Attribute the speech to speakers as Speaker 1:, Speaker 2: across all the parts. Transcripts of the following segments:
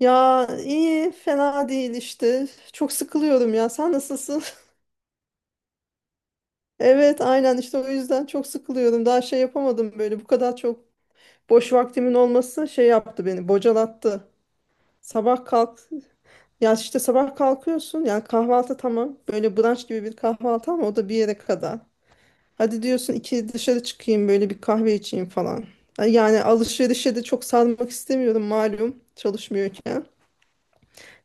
Speaker 1: Ya iyi, fena değil işte. Çok sıkılıyorum ya. Sen nasılsın? Evet, aynen işte o yüzden çok sıkılıyorum. Daha şey yapamadım böyle. Bu kadar çok boş vaktimin olması şey yaptı beni, bocalattı. Sabah kalk, ya işte sabah kalkıyorsun. Yani kahvaltı tamam. Böyle brunch gibi bir kahvaltı ama o da bir yere kadar. Hadi diyorsun iki dışarı çıkayım böyle bir kahve içeyim falan. Yani alışverişe de çok sarmak istemiyorum malum çalışmıyorken.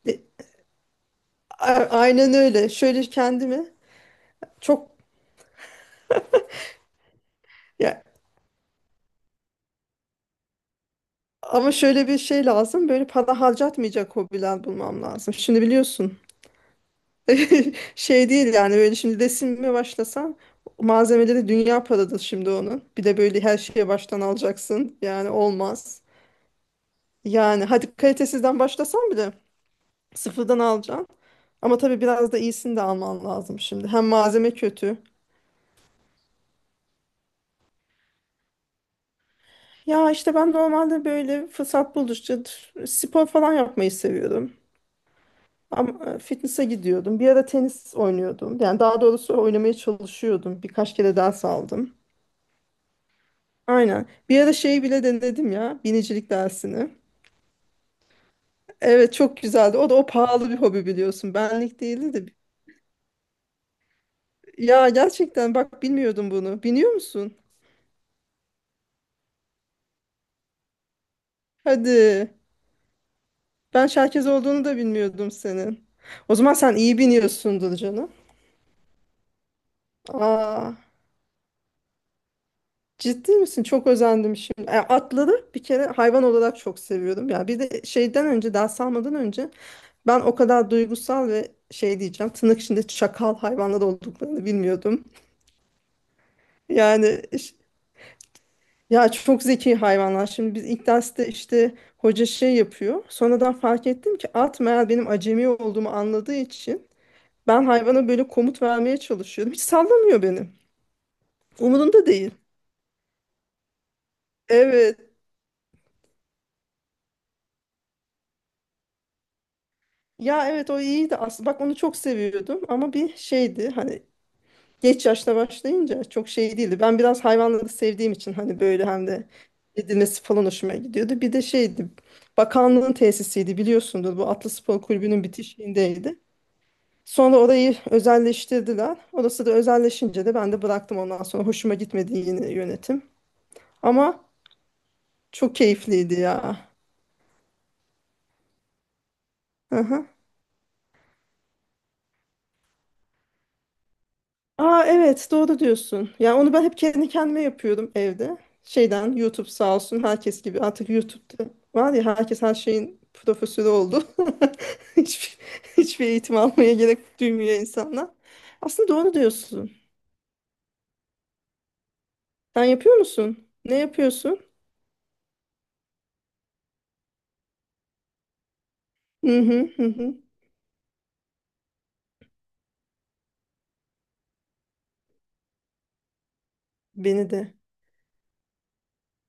Speaker 1: E, Aynen öyle. Şöyle kendimi çok Ya, ama şöyle bir şey lazım. Böyle para harcatmayacak hobiler bulmam lazım. Şimdi biliyorsun. Şey değil yani böyle şimdi resimle başlasan malzemeleri dünya paradır şimdi onun. Bir de böyle her şeye baştan alacaksın. Yani olmaz. Yani hadi kalitesizden başlasan bile sıfırdan alacaksın. Ama tabii biraz da iyisini de alman lazım şimdi. Hem malzeme kötü. Ya işte ben normalde böyle fırsat buldukça spor falan yapmayı seviyorum. Ama fitness'a gidiyordum. Bir ara tenis oynuyordum. Yani daha doğrusu oynamaya çalışıyordum. Birkaç kere ders aldım. Aynen. Bir ara şeyi bile denedim ya. Binicilik dersini. Evet çok güzeldi. O da o pahalı bir hobi biliyorsun. Benlik değildi de. Ya gerçekten bak bilmiyordum bunu. Biniyor musun? Hadi. Ben şerkez olduğunu da bilmiyordum senin. O zaman sen iyi biniyorsundur canım. Aa. Ciddi misin? Çok özendim şimdi. Yani atları bir kere hayvan olarak çok seviyordum. Ya bir de şeyden önce, ders almadan önce ben o kadar duygusal ve şey diyeceğim, tırnak içinde çakal hayvanlar olduklarını bilmiyordum. Yani iş- ya çok zeki hayvanlar. Şimdi biz ilk derste işte hoca şey yapıyor. Sonradan fark ettim ki at meğer benim acemi olduğumu anladığı için ben hayvana böyle komut vermeye çalışıyordum. Hiç sallamıyor beni. Umurunda değil. Evet. Ya evet o iyiydi aslında. Bak onu çok seviyordum ama bir şeydi hani geç yaşta başlayınca çok şey değildi. Ben biraz hayvanları sevdiğim için hani böyle hem de edilmesi falan hoşuma gidiyordu. Bir de şeydi bakanlığın tesisiydi biliyorsundur bu Atlı Spor Kulübü'nün bitişiğindeydi. Sonra orayı özelleştirdiler. Orası da özelleşince de ben de bıraktım ondan sonra hoşuma gitmedi yine yönetim. Ama çok keyifliydi ya. Hı hı. Aa, evet doğru diyorsun. Yani onu ben hep kendi kendime yapıyordum evde. Şeyden YouTube sağ olsun herkes gibi artık YouTube'da var ya herkes her şeyin profesörü oldu. Hiçbir, hiçbir eğitim almaya gerek duymuyor insanlar. Aslında doğru diyorsun. Sen yapıyor musun? Ne yapıyorsun? Hı hı hı hı. Beni de.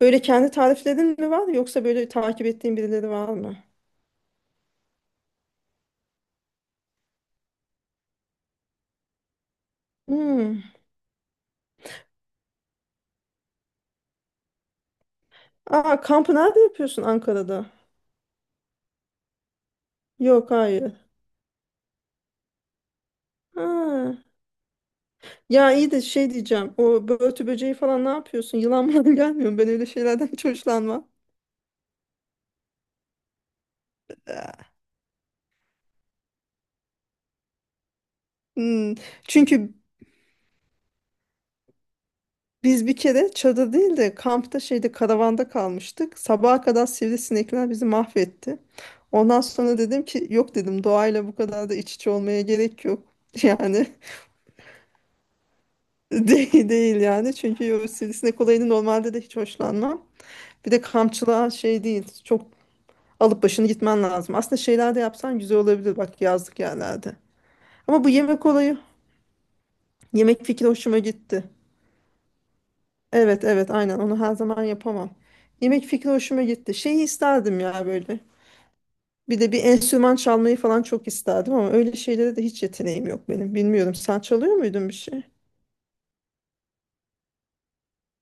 Speaker 1: Böyle kendi tariflerin mi var yoksa böyle takip ettiğin birileri var mı? Hmm. Aa, kampı nerede yapıyorsun Ankara'da? Yok, hayır. Ha. Ya iyi de şey diyeceğim. O börtü böceği falan ne yapıyorsun? Yılan mı gelmiyor mu? Ben öyle şeylerden hiç hoşlanmam. Hmm. Çünkü biz bir kere çadır değil de kampta şeyde karavanda kalmıştık. Sabaha kadar sivrisinekler bizi mahvetti. Ondan sonra dedim ki yok dedim doğayla bu kadar da iç içe olmaya gerek yok. Yani değil, değil yani. Çünkü o sivrisinek olayını normalde de hiç hoşlanmam. Bir de kampçılığa şey değil. Çok alıp başını gitmen lazım. Aslında şeyler de yapsan güzel olabilir bak yazlık yerlerde. Ama bu yemek olayı, yemek fikri hoşuma gitti. Evet evet aynen onu her zaman yapamam. Yemek fikri hoşuma gitti. Şeyi isterdim ya böyle. Bir de bir enstrüman çalmayı falan çok isterdim ama öyle şeylere de hiç yeteneğim yok benim. Bilmiyorum sen çalıyor muydun bir şey?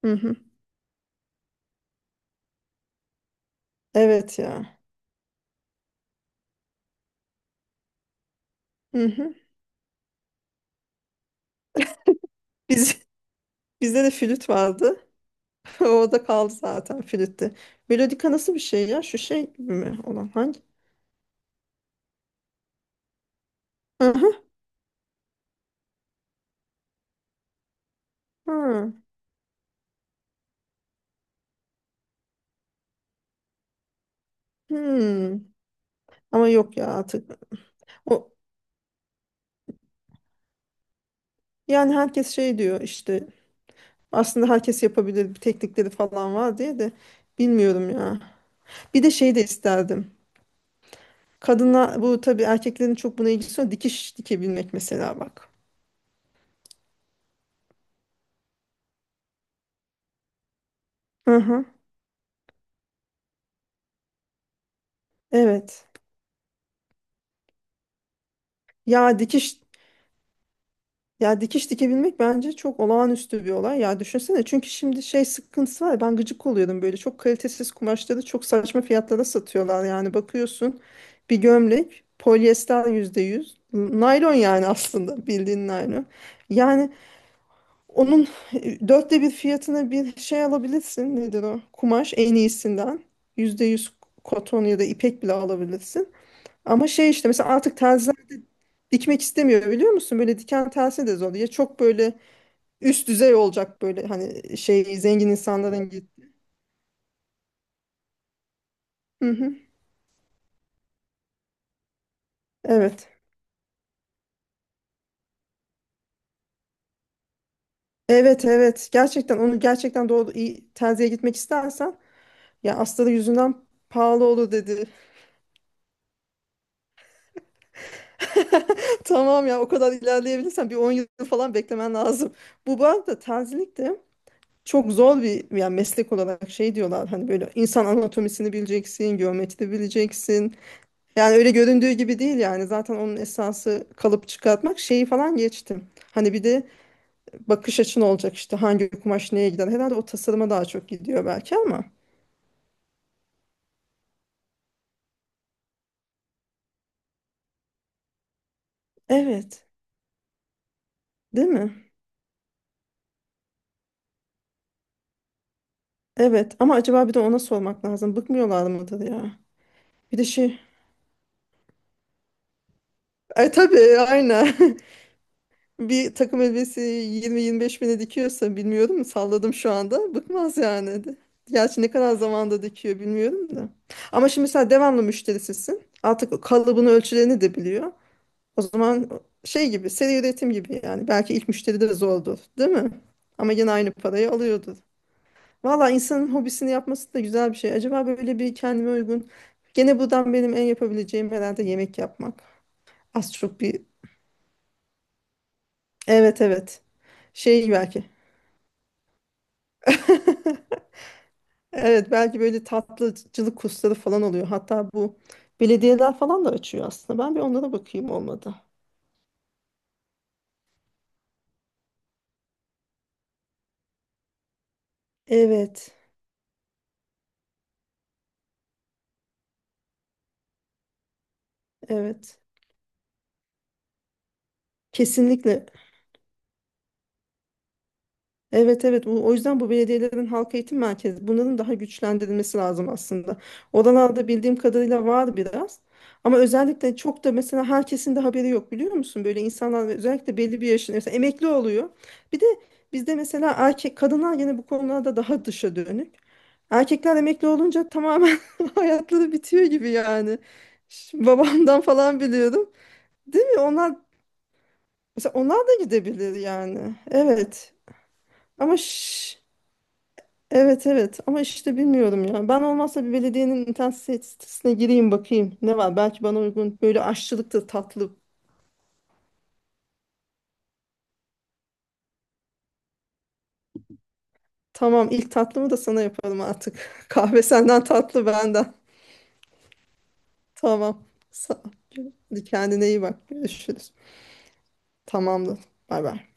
Speaker 1: Hı hı. Evet ya. Hı hı. Biz, bizde de flüt vardı. O da kaldı zaten flütte. Melodika nasıl bir şey ya? Şu şey gibi mi olan hangi? Hı hı. Hı. Hmm. Ama yok ya artık. O, yani herkes şey diyor işte aslında herkes yapabilir bir teknikleri falan var diye de bilmiyorum ya. Bir de şey de isterdim. Kadına bu tabii erkeklerin çok buna ilgisi yok. Dikiş dikebilmek mesela bak. Hı hı. Evet. Ya dikiş ya dikiş dikebilmek bence çok olağanüstü bir olay. Ya düşünsene çünkü şimdi şey sıkıntısı var. Ya, ben gıcık oluyorum böyle. Çok kalitesiz kumaşları çok saçma fiyatlara satıyorlar. Yani bakıyorsun bir gömlek polyester %100. Naylon yani aslında bildiğin naylon. Yani onun 1/4 fiyatına bir şey alabilirsin. Nedir o? Kumaş en iyisinden. Yüzde yüz koton ya da ipek bile alabilirsin. Ama şey işte mesela artık terziler dikmek istemiyor biliyor musun? Böyle diken tersi de zor. Ya çok böyle üst düzey olacak böyle hani şey zengin insanların git. Hı hı. Evet. Evet evet. Gerçekten onu gerçekten doğru iyi terziye gitmek istersen ya astarı yüzünden pahalı olur dedi. Tamam ya o kadar ilerleyebilirsen bir 10 yıl falan beklemen lazım. Bu arada terzilik de çok zor bir yani meslek olarak şey diyorlar hani böyle insan anatomisini bileceksin, geometri bileceksin. Yani öyle göründüğü gibi değil yani zaten onun esası kalıp çıkartmak şeyi falan geçtim. Hani bir de bakış açın olacak işte hangi kumaş neye gider. Herhalde o tasarıma daha çok gidiyor belki ama. Evet, değil mi? Evet ama acaba bir de ona sormak lazım. Bıkmıyorlar mıdır ya? Bir de şey. E tabii aynen. Bir takım elbisesi 20-25 bine dikiyorsa bilmiyorum salladım şu anda bıkmaz yani. Gerçi ne kadar zamanda dikiyor bilmiyorum da. Ama şimdi sen devamlı müşterisisin. Artık kalıbını ölçülerini de biliyor. O zaman şey gibi seri üretim gibi yani belki ilk müşteri de zordur değil mi? Ama yine aynı parayı alıyordur. Valla insanın hobisini yapması da güzel bir şey. Acaba böyle bir kendime uygun. Gene buradan benim en yapabileceğim herhalde yemek yapmak. Az çok bir. Evet evet. Şey belki. Evet belki böyle tatlıcılık kursları falan oluyor. Hatta bu belediyeler falan da açıyor aslında. Ben bir onlara bakayım olmadı. Evet, evet. Kesinlikle. Evet evet. O yüzden bu belediyelerin halk eğitim merkezi bunların daha güçlendirilmesi lazım aslında. Oralarda bildiğim kadarıyla var biraz. Ama özellikle çok da mesela herkesin de haberi yok biliyor musun? Böyle insanlar özellikle belli bir yaşında mesela emekli oluyor. Bir de bizde mesela erkek kadınlar yine bu konularda daha dışa dönük. Erkekler emekli olunca tamamen hayatları bitiyor gibi yani. Şimdi babamdan falan biliyorum. Değil mi? Onlar mesela onlar da gidebilir yani. Evet. Ama şş. Evet evet ama işte bilmiyorum ya. Ben olmazsa bir belediyenin internet sitesine gireyim bakayım ne var. Belki bana uygun böyle aşçılık da tatlı. Tamam ilk tatlımı da sana yaparım artık. Kahve senden tatlı benden. Tamam. Sağ ol. Hadi kendine iyi bak. Görüşürüz. Tamamdır. Bay bay.